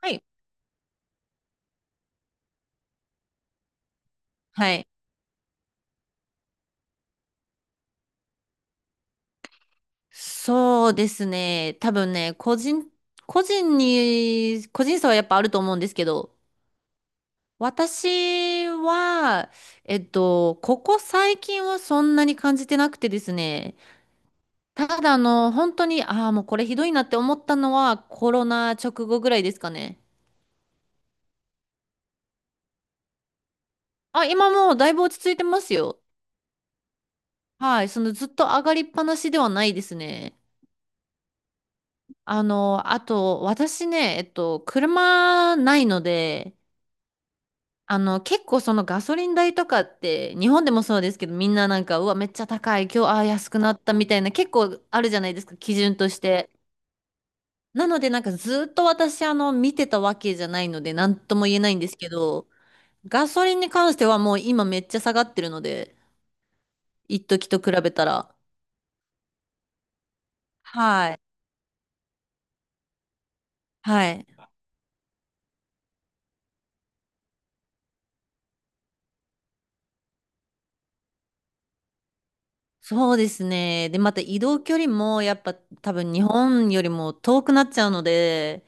はい。はい。そうですね。多分ね、個人差はやっぱあると思うんですけど、私は、ここ最近はそんなに感じてなくてですね、ただ本当に、ああ、もうこれひどいなって思ったのはコロナ直後ぐらいですかね。あ、今もうだいぶ落ち着いてますよ。はい、そのずっと上がりっぱなしではないですね。あと、私ね、車ないので、結構そのガソリン代とかって、日本でもそうですけど、みんななんか、うわ、めっちゃ高い、今日、ああ、安くなったみたいな、結構あるじゃないですか、基準として。なので、なんかずっと私、見てたわけじゃないので、なんとも言えないんですけど、ガソリンに関してはもう今めっちゃ下がってるので、一時と比べたら。はい。はい。そうですね。で、また移動距離も、やっぱ多分日本よりも遠くなっちゃうので、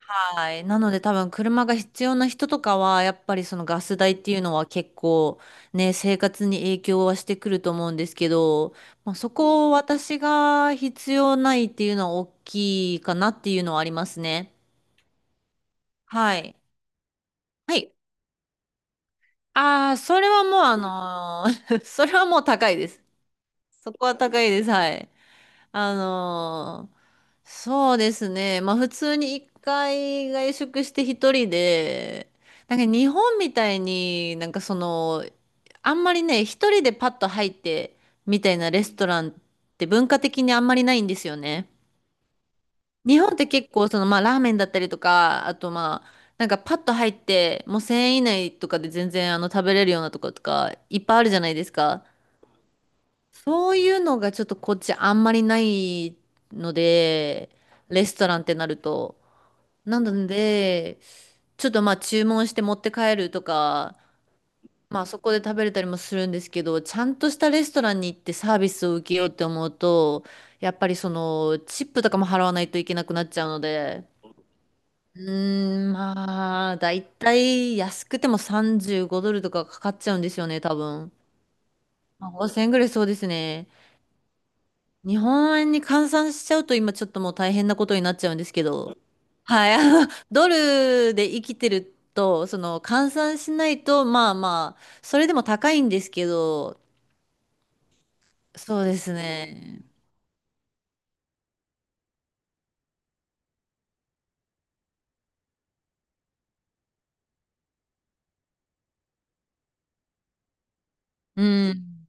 はい。なので多分車が必要な人とかは、やっぱりそのガス代っていうのは結構ね、生活に影響はしてくると思うんですけど、まあ、そこを私が必要ないっていうのは大きいかなっていうのはありますね。はい。はい。ああ、それはもうそれはもう高いです。そこは高いです。はい。あのーそうですね。まあ普通に一回外食して一人で、なんか日本みたいになんかその、あんまりね、一人でパッと入ってみたいなレストランって文化的にあんまりないんですよね。日本って結構そのまあラーメンだったりとか、あとまあなんかパッと入ってもう1000円以内とかで全然あの食べれるようなとことかいっぱいあるじゃないですか。そういうのがちょっとこっちあんまりないので、レストランってなると。なので、ちょっとまあ注文して持って帰るとか、まあそこで食べれたりもするんですけど、ちゃんとしたレストランに行ってサービスを受けようって思うと、やっぱりそのチップとかも払わないといけなくなっちゃうので、うーん、まあ、だいたい安くても35ドルとかかかっちゃうんですよね、多分。まあ、5000ぐらいそうですね。日本円に換算しちゃうと今ちょっともう大変なことになっちゃうんですけど、はい、ドルで生きてると、その換算しないと、まあまあ、それでも高いんですけど、そうですね。うん、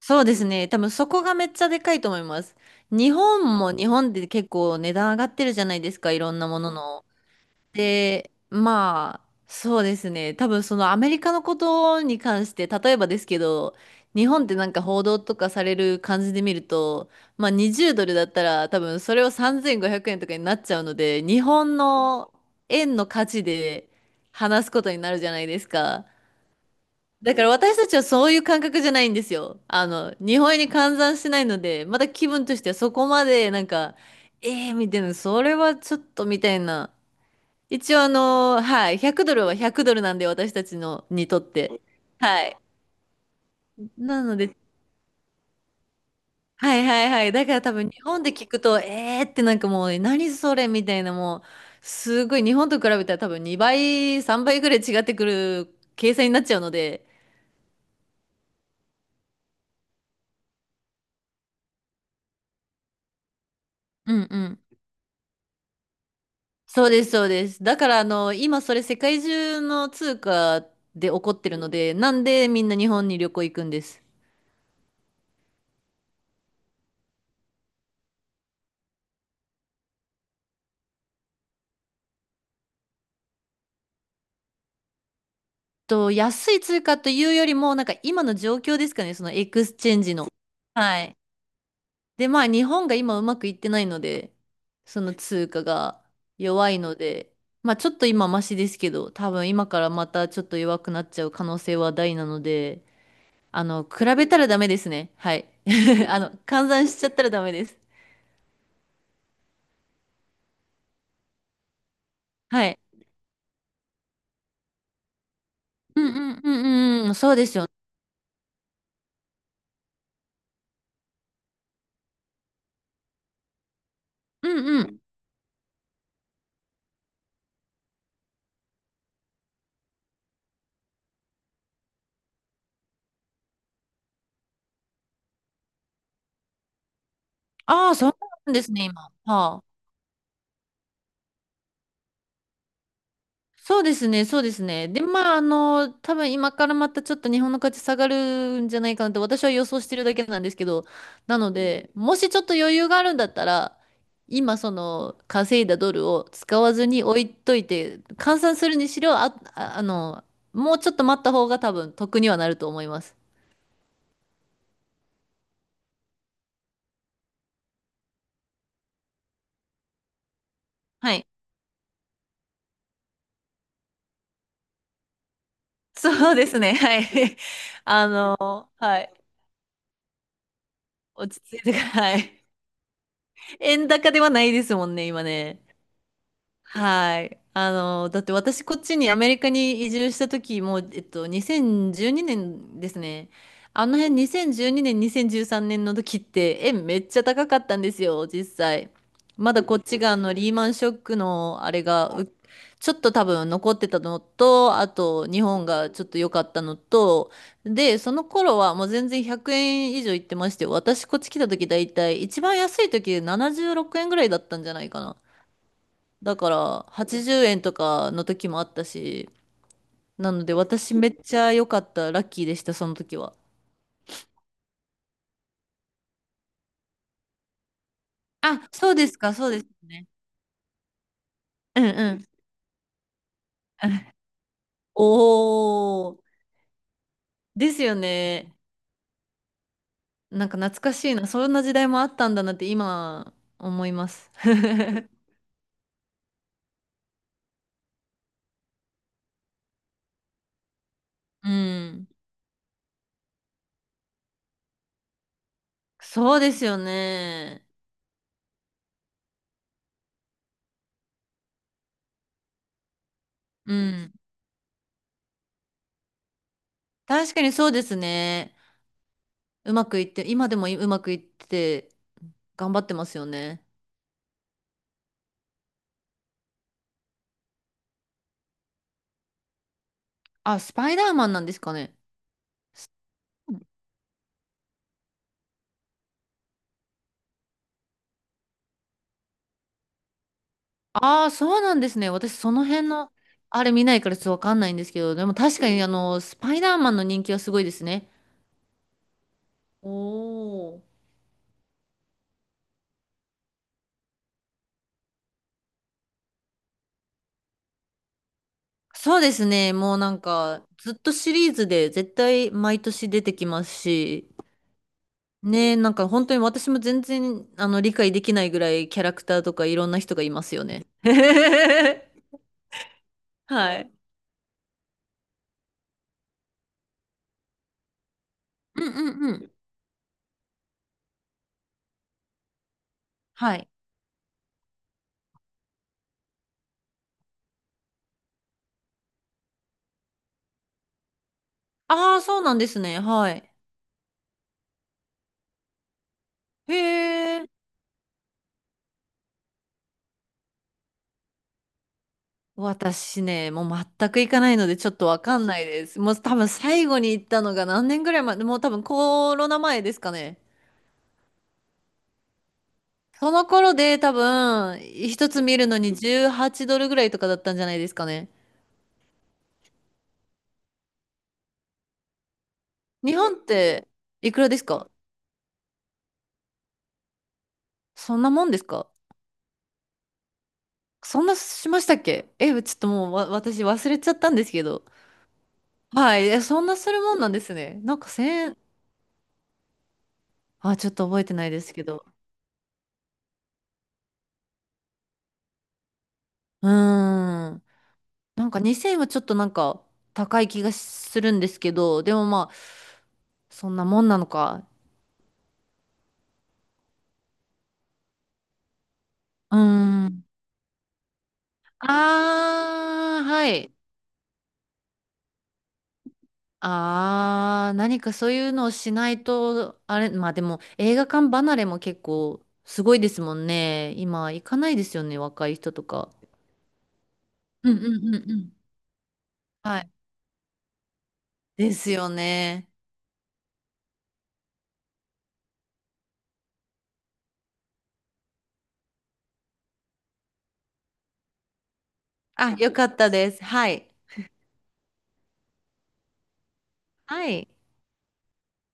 そうですね。多分そこがめっちゃでかいと思います。日本も日本で結構値段上がってるじゃないですか、いろんなものの。で、まあ、そうですね。多分そのアメリカのことに関して、例えばですけど、日本ってなんか報道とかされる感じで見ると、まあ20ドルだったら多分それを3500円とかになっちゃうので、日本の円の価値で話すことになるじゃないですか。だから私たちはそういう感覚じゃないんですよ。日本円に換算してないので、まだ気分としてはそこまでなんか、ええー、みたいな、それはちょっとみたいな。一応はい、100ドルは100ドルなんで私たちのにとって。はい。なので、はいはいはい。だから多分日本で聞くと、えーってなんかもう何それみたいなもう、すごい日本と比べたら多分2倍、3倍ぐらい違ってくる計算になっちゃうので。うんうん。そうですそうです。だから今それ世界中の通貨で起こってるので、なんでみんな日本に旅行行くんです。と、安い通貨というよりも、なんか今の状況ですかね、そのエクスチェンジの。はい。で、まあ日本が今うまくいってないので、その通貨が弱いので、まあちょっと今マシですけど、多分今からまたちょっと弱くなっちゃう可能性は大なので、比べたらダメですね。はい。換算しちゃったらダメです。はい。うんうんうん、うん、そうですよね。うんうん。ああ、そうなんですね、今。はあ。そうですね、そうですね。で、まあ、多分今からまたちょっと日本の価値下がるんじゃないかなって私は予想してるだけなんですけど、なので、もしちょっと余裕があるんだったら、今その稼いだドルを使わずに置いといて、換算するにしろ、もうちょっと待った方が多分得にはなると思います。はい。そうですね。はい。はい。落ち着いてから、はい。円高ではないですもんね、今ね。はい。だって私こっちにアメリカに移住した時もう、2012年ですね。あの辺2012年、2013年の時って円めっちゃ高かったんですよ、実際。まだこっちがあのリーマンショックのあれがちょっと多分残ってたのと、あと日本がちょっと良かったのと、で、その頃はもう全然100円以上いってまして、私こっち来た時だいたい一番安い時で76円ぐらいだったんじゃないかな。だから80円とかの時もあったし、なので私めっちゃ良かった、ラッキーでした、その時は。あ、そうですか、そうですね。うんうん。おー、ですよね。なんか懐かしいな、そんな時代もあったんだなって今思います。うん。そうですよね。うん。確かにそうですね。うまくいって、今でもうまくいってて頑張ってますよね。あ、スパイダーマンなんですかね。ああ、そうなんですね。私、その辺の、あれ見ないからちょっとわかんないんですけど、でも確かに、スパイダーマンの人気はすごいですね。おー。そうですね。もうなんか、ずっとシリーズで絶対毎年出てきますし、ね、なんか本当に私も全然、理解できないぐらいキャラクターとかいろんな人がいますよね。はい。うんうんうん。はい。ああ、そうなんですね。はい。へえ。私ね、もう全く行かないのでちょっとわかんないです。もう多分最後に行ったのが何年ぐらい前、もう多分コロナ前ですかね。その頃で多分一つ見るのに18ドルぐらいとかだったんじゃないですかね。日本っていくらですか？そんなもんですか？そんなしましたっけえ、ちょっともうわ私忘れちゃったんですけど。はい、え、そんなするもんなんですね。なんか1000円、あ、ちょっと覚えてないですけど。うーん。なんか2000円はちょっとなんか高い気がするんですけど、でもまあ、そんなもんなのか。うーん。ああ、はい。ああ、何かそういうのをしないと、あれ、まあでも映画館離れも結構すごいですもんね。今行かないですよね、若い人とか。うんうんうんうん。はい。ですよね。あ、よかったです。はい。はい。